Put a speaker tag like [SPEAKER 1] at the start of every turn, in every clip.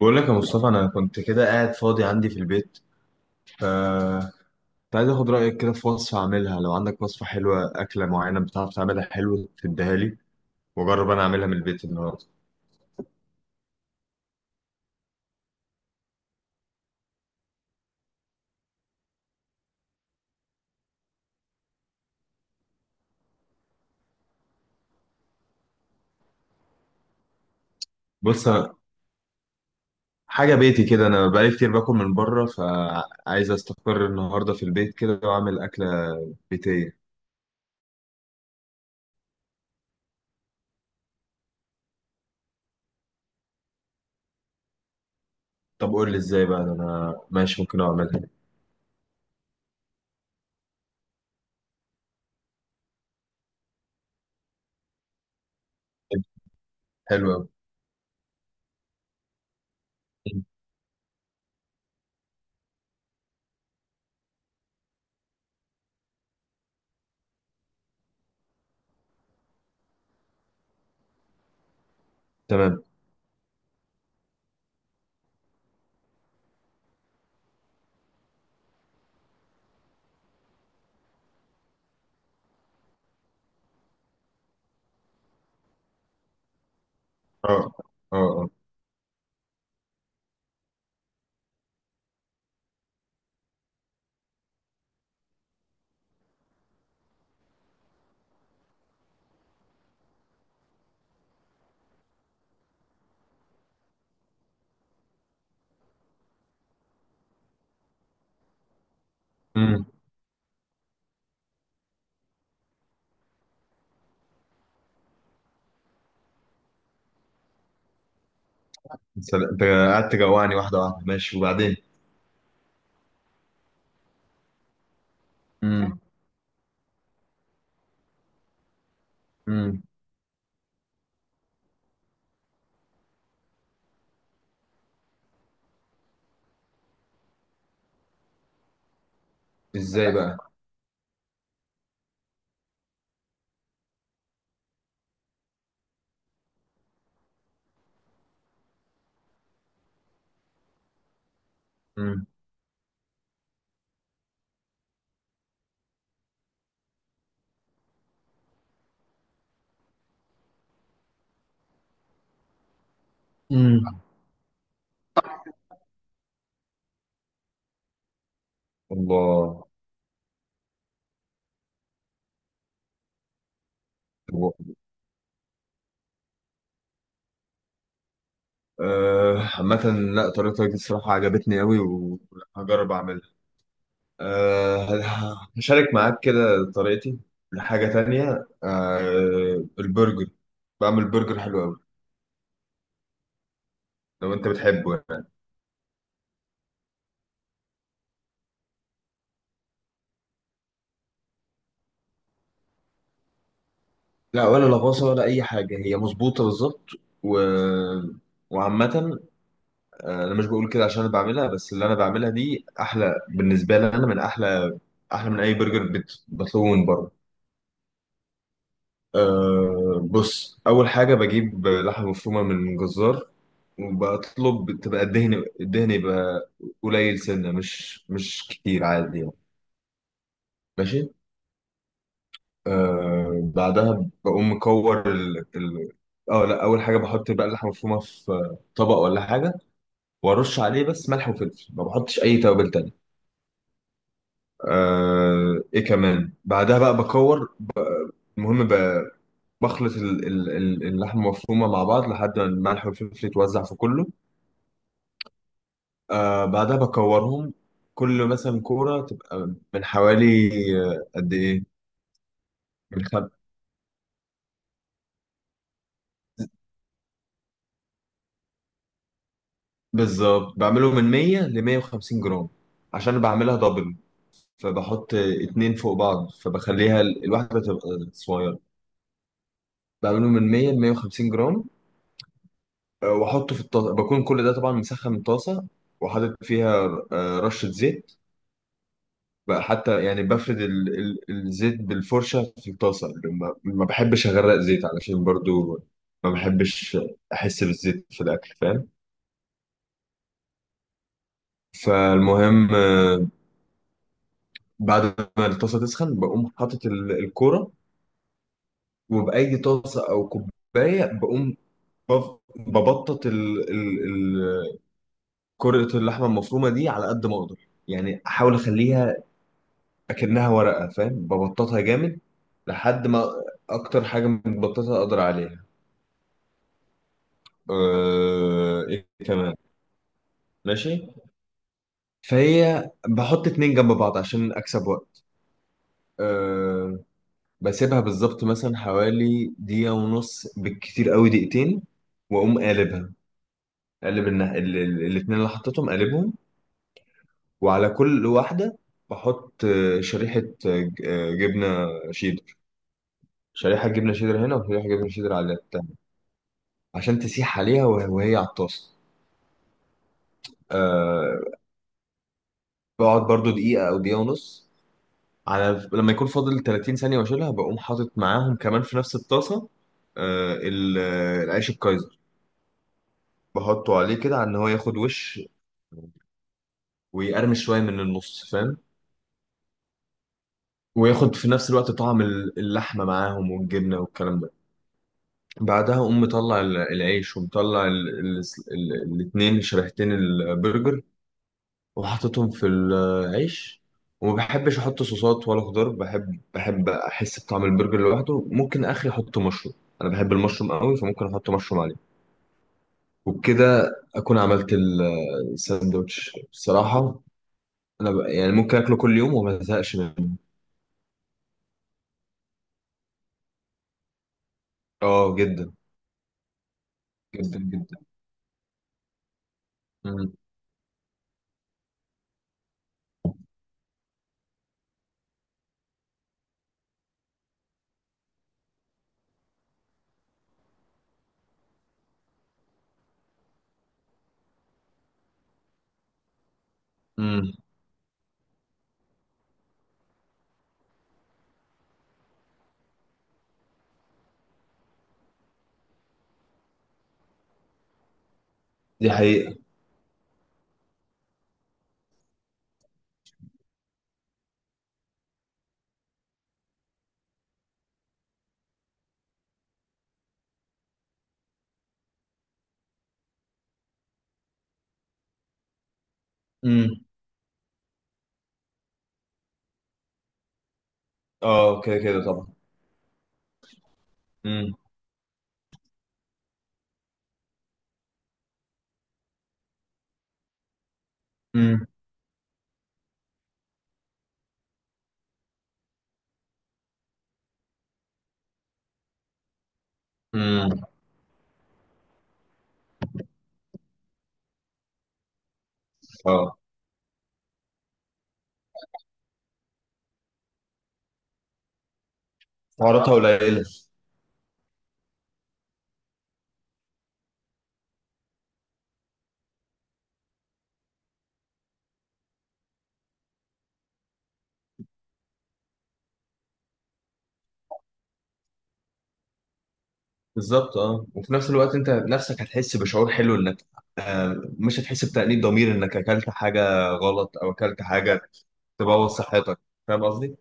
[SPEAKER 1] بقول لك يا مصطفى، انا كنت كده قاعد فاضي عندي في البيت. ف كنت عايز اخد رايك كده في وصفه اعملها، لو عندك وصفه حلوه، اكله معينه بتعرف تعملها حلو تديها لي واجرب انا اعملها من البيت النهارده. بص، حاجه بيتي كده، انا بقالي كتير باكل من بره فعايز استقر النهارده في البيت كده واعمل اكله بيتيه. طب قول لي ازاي بقى، انا ماشي، ممكن اعملها. حلوه أوي. تمام. اه، اه، اه. امم. انت قعدت تجوعني، واحده واحده، ماشي وبعدين. امم. امم. ازاي بقى. مم. مم. الله. طب- آه، عامة، لا، طريقتك دي الصراحة عجبتني أوي وهجرب أعملها. هشارك معاك كده طريقتي لحاجة تانية. أه، البرجر، بعمل برجر حلو أوي لو أنت بتحبه يعني. لا، ولا لغوصة ولا أي حاجة، هي مظبوطة بالظبط. و... وعامة، آه، أنا مش بقول كده عشان أنا بعملها، بس اللي أنا بعملها دي أحلى بالنسبة لي، أنا من أحلى، أحلى من أي برجر بطلبه من بره. أه، بص، أول حاجة بجيب لحمة مفرومة من جزار، وبطلب تبقى الدهن يبقى قليل سنة، مش كتير، عادي يعني. ماشي. أه، بعدها بقوم مكور اه لا، أول حاجة بحط بقى اللحمة المفرومة في طبق ولا حاجة، وأرش عليه بس ملح وفلفل، ما بحطش أي توابل تانية. أه، إيه كمان، بعدها بقى بكور. المهم ب... بخلط اللحمة المفرومة مع بعض لحد ما الملح والفلفل يتوزع في كله. آه، بعدها بكورهم، كل مثلا كورة تبقى من حوالي، قد إيه؟ من خم... بالظبط بعمله من 100 ل 150 جرام عشان بعملها دبل، فبحط آه، اتنين فوق بعض، فبخليها الواحدة تبقى صغيرة. بعمله من 100 ل 150 جرام، آه، وأحطه في الطاسة، بكون كل ده طبعا مسخن الطاسة وحاطط فيها آه، رشة زيت بقى، حتى يعني بفرد الزيت بالفرشة في الطاسة. ما بحبش أغرق زيت، علشان برضو ما بحبش أحس بالزيت في الأكل، فاهم. فالمهم، آه، بعد ما الطاسة تسخن بقوم حاطط الكورة وبأي طاسة أو كوباية، بقوم ببطط كرة اللحمة المفرومة دي على قد ما أقدر. يعني أحاول أخليها أكنها ورقة، فاهم، ببططها جامد لحد ما، أكتر حاجة متبططة أقدر عليها. آه، ايه كمان، ماشي. فهي بحط اتنين جنب بعض عشان اكسب وقت. أه. بسيبها بالظبط مثلا حوالي دقيقة ونص، بالكتير قوي دقيقتين، واقوم قالبها. قالب الاتنين اللي حطيتهم قالبهم، وعلى كل واحدة بحط آه، شريحة جبنة شيدر. شريحة جبنة شيدر هنا وشريحة جبنة شيدر على التاني، عشان تسيح عليها وهي على الطاسة. أه. بقعد برضو دقيقة أو دقيقة ونص، على لما يكون فاضل 30 ثانية واشيلها، بقوم حاطط معاهم كمان في نفس الطاسة آه، العيش الكايزر، بحطه عليه كده على ان هو ياخد وش ويقرمش شوية من النص، فاهم، وياخد في نفس الوقت طعم اللحمة معاهم والجبنة والكلام ده. بعدها أقوم مطلع العيش ومطلع الاتنين شريحتين البرجر وحطيتهم في العيش. وما بحبش احط صوصات ولا خضار، بحب احس بطعم البرجر لوحده. ممكن اخري احط مشروم، انا بحب المشروم قوي فممكن احط مشروم عليه. وبكده اكون عملت الساندوتش. بصراحة انا يعني ممكن اكله كل يوم وما ازهقش منه. اه جدا. جدا جدا. امم. امم. دي حقيقة. امم. اه، كده كده طبعا. امم. امم. امم. اه، سعراتها قليلة. بالظبط. اه، وفي نفس الوقت انت نفسك هتحس بشعور حلو انك، آه، مش هتحس بتأنيب ضمير انك اكلت حاجه غلط او اكلت حاجه تبوظ صحتك، فاهم قصدي؟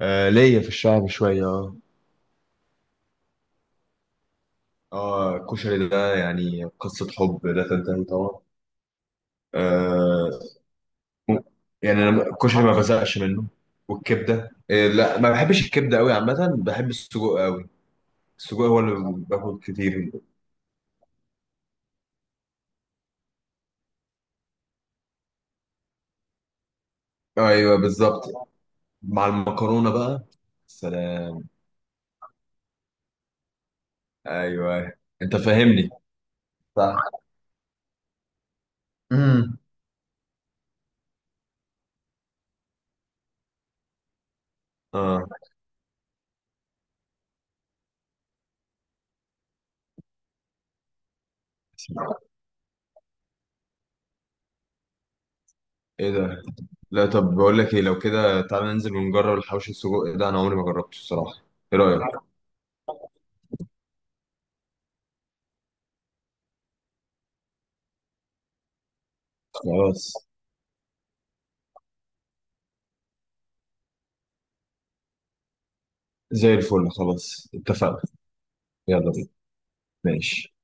[SPEAKER 1] آه، ليا في الشعر شويه، اه. اه، الكشري ده يعني قصه حب لا تنتهي طبعا. آه. يعني انا الكشري ما بزهقش منه، والكبده لا، ما بحبش الكبده قوي، عامه بحب السجق قوي. السجق هو اللي باكل كتير. ايوه، بالظبط، مع المكرونه بقى. سلام. ايوه، أيوة. انت فاهمني. صح. امم. اه. ايه ده؟ لا، طب بقول لك ايه، لو كده تعالى ننزل ونجرب الحوش السجق ده، انا عمري ما جربته الصراحه. ايه رايك؟ خلاص، زي الفل، خلاص اتفقنا. يلا بينا. ماشي.